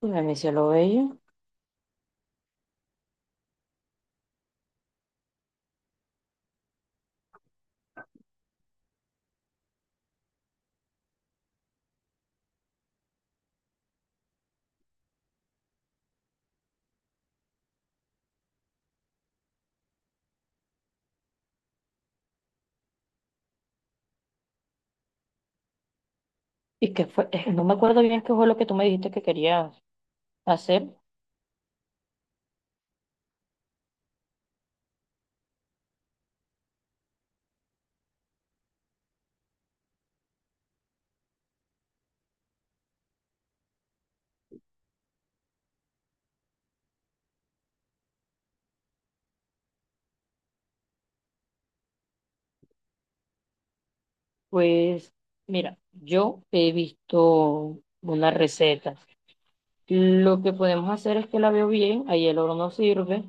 Pues mi cielo bello. ¿Y que fue? No me acuerdo bien qué fue lo que tú me dijiste que querías hacer. Pues mira, yo he visto unas recetas. Lo que podemos hacer es que la veo bien, ahí el oro no sirve.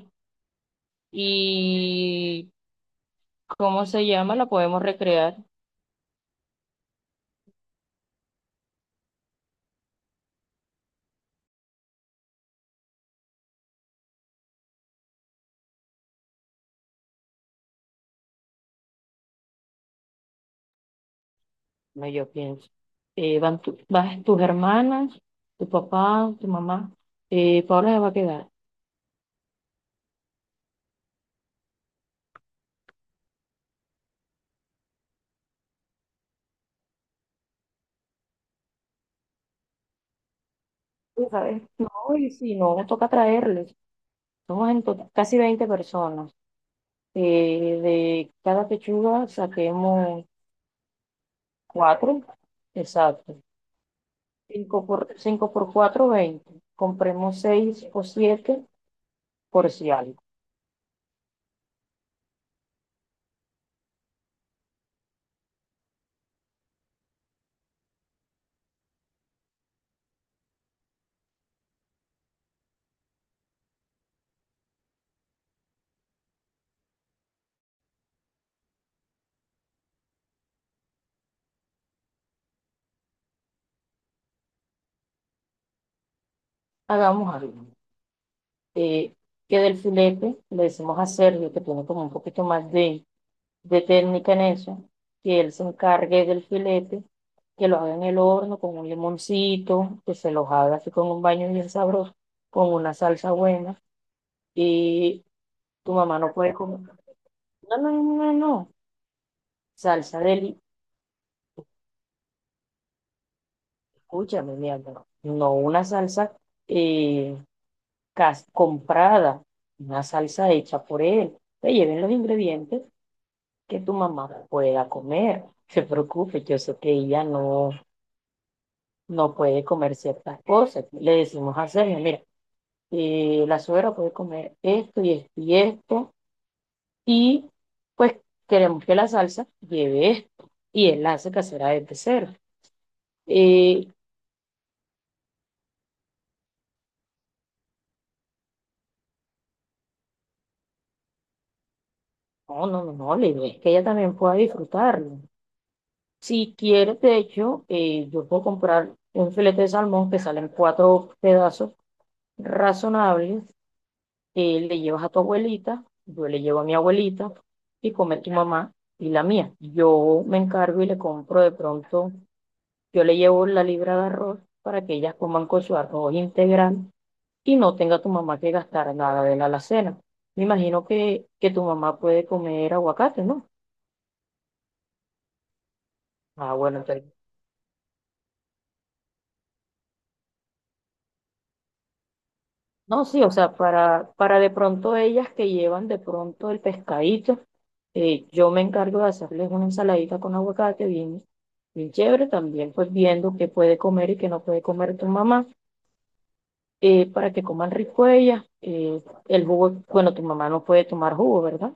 Y ¿cómo se llama? La podemos recrear. No, yo pienso. Vas tus hermanas, tu papá, tu mamá. Paula se va a quedar. Tú, ¿sabes? No, y si no, toca traerles. Somos en total casi 20 personas. De cada pechuga saquemos cuatro, exacto. Cinco por cuatro, 20. Compremos seis o siete por si algo. Hagamos algo. Eh, que del filete le decimos a Sergio, que tiene como un poquito más de técnica en eso, que él se encargue del filete, que lo haga en el horno con un limoncito, que se los haga así con un baño bien sabroso, con una salsa buena. Y tu mamá no puede comer. No, no, no, no, no. Salsa deli. Escúchame, mi amor. No una salsa eh, comprada, una salsa hecha por él. Te lleven los ingredientes que tu mamá pueda comer. Se preocupe, yo sé que ella no puede comer ciertas cosas. Le decimos a Sergio, mira, la suegra puede comer esto y esto y esto. Y pues queremos que la salsa lleve esto. Y él la hace casera desde cero. Eh, No, no, no, no, la idea es que ella también pueda disfrutarlo. Si quieres, de hecho, yo puedo comprar un filete de salmón que salen cuatro pedazos razonables. Le llevas a tu abuelita, yo le llevo a mi abuelita y come tu mamá y la mía. Yo me encargo y le compro de pronto, yo le llevo la libra de arroz para que ellas coman con su arroz integral y no tenga tu mamá que gastar nada de la alacena. Me imagino que tu mamá puede comer aguacate, ¿no? Ah, bueno, entonces no, sí, o sea, para de pronto ellas que llevan de pronto el pescadito. Yo me encargo de hacerles una ensaladita con aguacate bien, bien chévere, también pues viendo qué puede comer y qué no puede comer tu mamá, para que coman rico ellas. El jugo, bueno, tu mamá no puede tomar jugo, ¿verdad?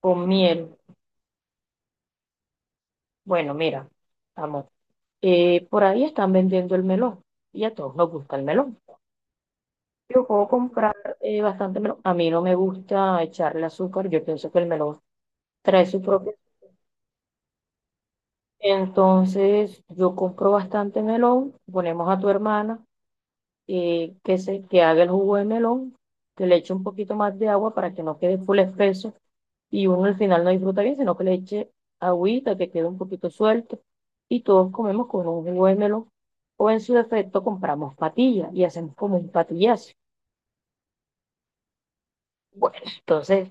Con miel. Bueno, mira, amor, por ahí están vendiendo el melón y a todos nos gusta el melón. Yo puedo comprar bastante melón. A mí no me gusta echarle azúcar, yo pienso que el melón trae su propio. Entonces, yo compro bastante melón, ponemos a tu hermana que haga el jugo de melón, que le eche un poquito más de agua para que no quede full espeso y uno al final no disfruta bien, sino que le eche agüita, que quede un poquito suelto, y todos comemos con un jugo de melón o en su defecto compramos patillas y hacemos como un patillazo. Bueno, entonces,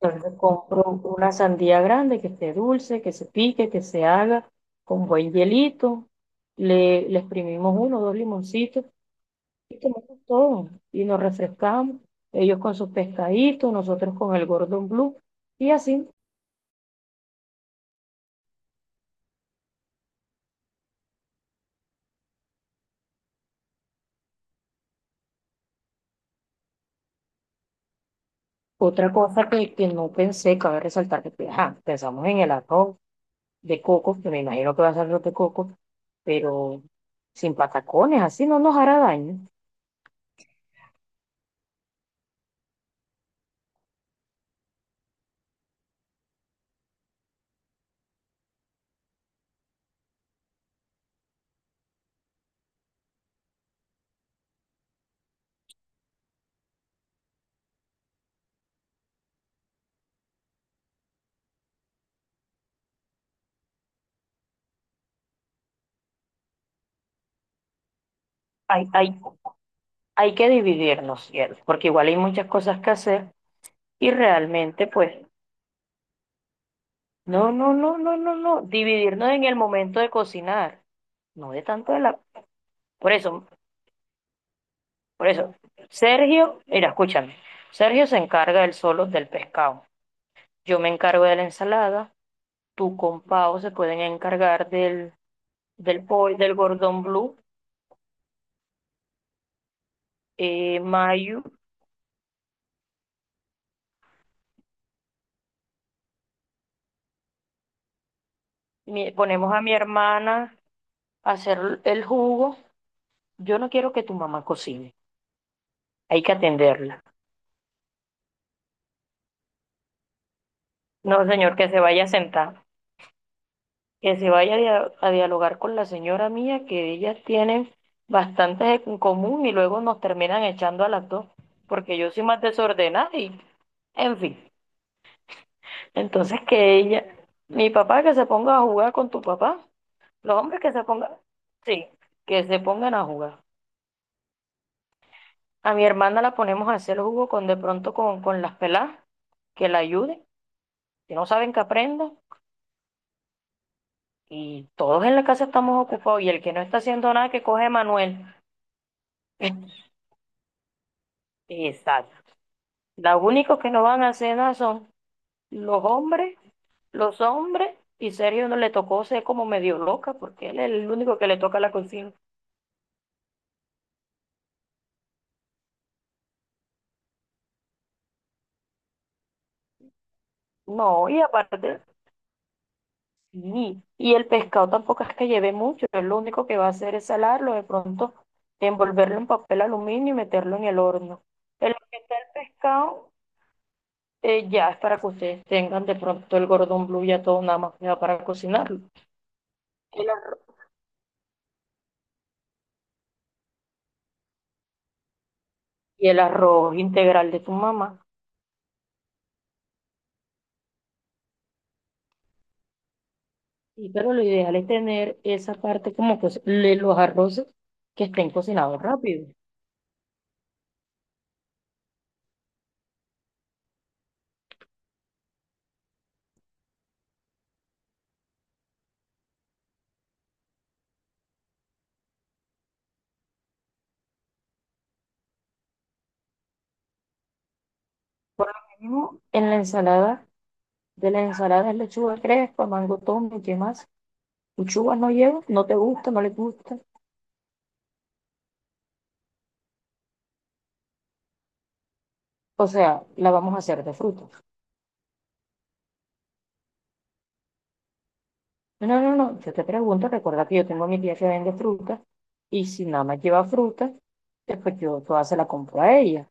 Compro una sandía grande que esté dulce, que se pique, que se haga con buen hielito. Le exprimimos uno o dos limoncitos y tomamos todo. Y nos refrescamos, ellos con sus pescaditos, nosotros con el Gordon Blue y así. Otra cosa que no pensé, cabe resaltar que pues, ajá, pensamos en el arroz de coco, que me imagino que va a ser arroz de coco, pero sin patacones, así no nos hará daño. Hay, hay hay que dividirnos, cielo, porque igual hay muchas cosas que hacer y realmente, pues, no, no, no, no, no, no, dividirnos en el momento de cocinar, no de tanto de la... Por eso, por eso, Sergio, mira, escúchame, Sergio se encarga él solo del pescado, yo me encargo de la ensalada, tú con Pau se pueden encargar del pollo, del gordón blue. Mayu, ponemos a mi hermana a hacer el jugo. Yo no quiero que tu mamá cocine, hay que atenderla. No, señor, que se vaya a sentar, que se vaya a dialogar con la señora mía, que ellas tienen bastantes en común y luego nos terminan echando a las dos, porque yo soy más desordenada y, en fin. Entonces que ella, mi papá que se ponga a jugar con tu papá, los hombres que se pongan, sí, que se pongan a jugar. A mi hermana la ponemos a hacer jugo con de pronto con las peladas, que la ayuden, que no saben, que aprenda. Y todos en la casa estamos ocupados y el que no está haciendo nada que coge Manuel. Exacto. Los únicos que no van a hacer nada son los hombres, los hombres, y Sergio no le tocó ser como medio loca, porque él es el único que le toca la cocina. No, y aparte, sí, y el pescado tampoco es que lleve mucho, es lo único que va a hacer es salarlo, de pronto envolverlo en papel aluminio y meterlo en el horno. En lo que está el pescado, ya es para que ustedes tengan de pronto el gordon blue ya todo nada más ya para cocinarlo. El arroz- y el arroz integral de tu mamá. Y pero lo ideal es tener esa parte como que los arroces que estén cocinados rápido. Por lo mismo, en la ensalada, de la ensalada es lechuga crespa, mango, tomate, ¿qué más? Lechuga no lleva, no te gusta, no le gusta. O sea, la vamos a hacer de fruta. No, no, no, yo te pregunto, recuerda que yo tengo mi tía que vende frutas y si nada más lleva frutas, pues yo toda se la compro a ella.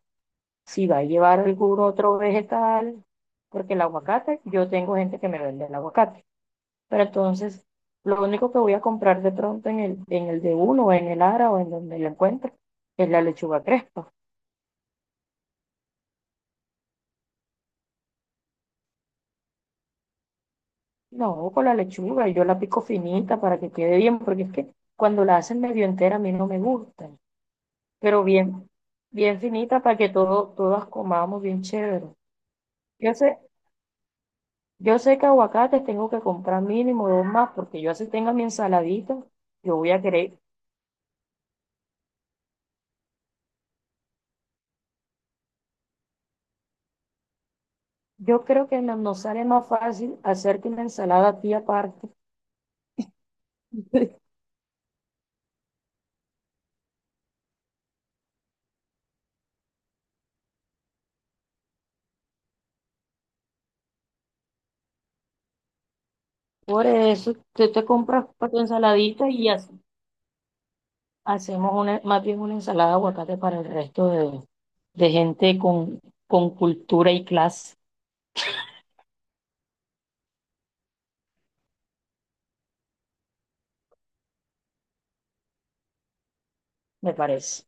Si va a llevar algún otro vegetal, porque el aguacate, yo tengo gente que me vende el aguacate. Pero entonces, lo único que voy a comprar de pronto en el de uno, o en el Ara, o en donde lo encuentre, es la lechuga crespa. No, con la lechuga, yo la pico finita para que quede bien, porque es que cuando la hacen medio entera a mí no me gusta. Pero bien, bien finita para que todas comamos bien chévere. Yo sé, yo sé que aguacates tengo que comprar mínimo dos más, porque yo así tenga mi ensaladita, yo voy a querer. Yo creo que nos sale más fácil hacerte una ensalada a ti aparte. Por eso, tú te compras para tu ensaladita y así hacemos más bien una ensalada de aguacate para el resto de gente con cultura y clase, me parece.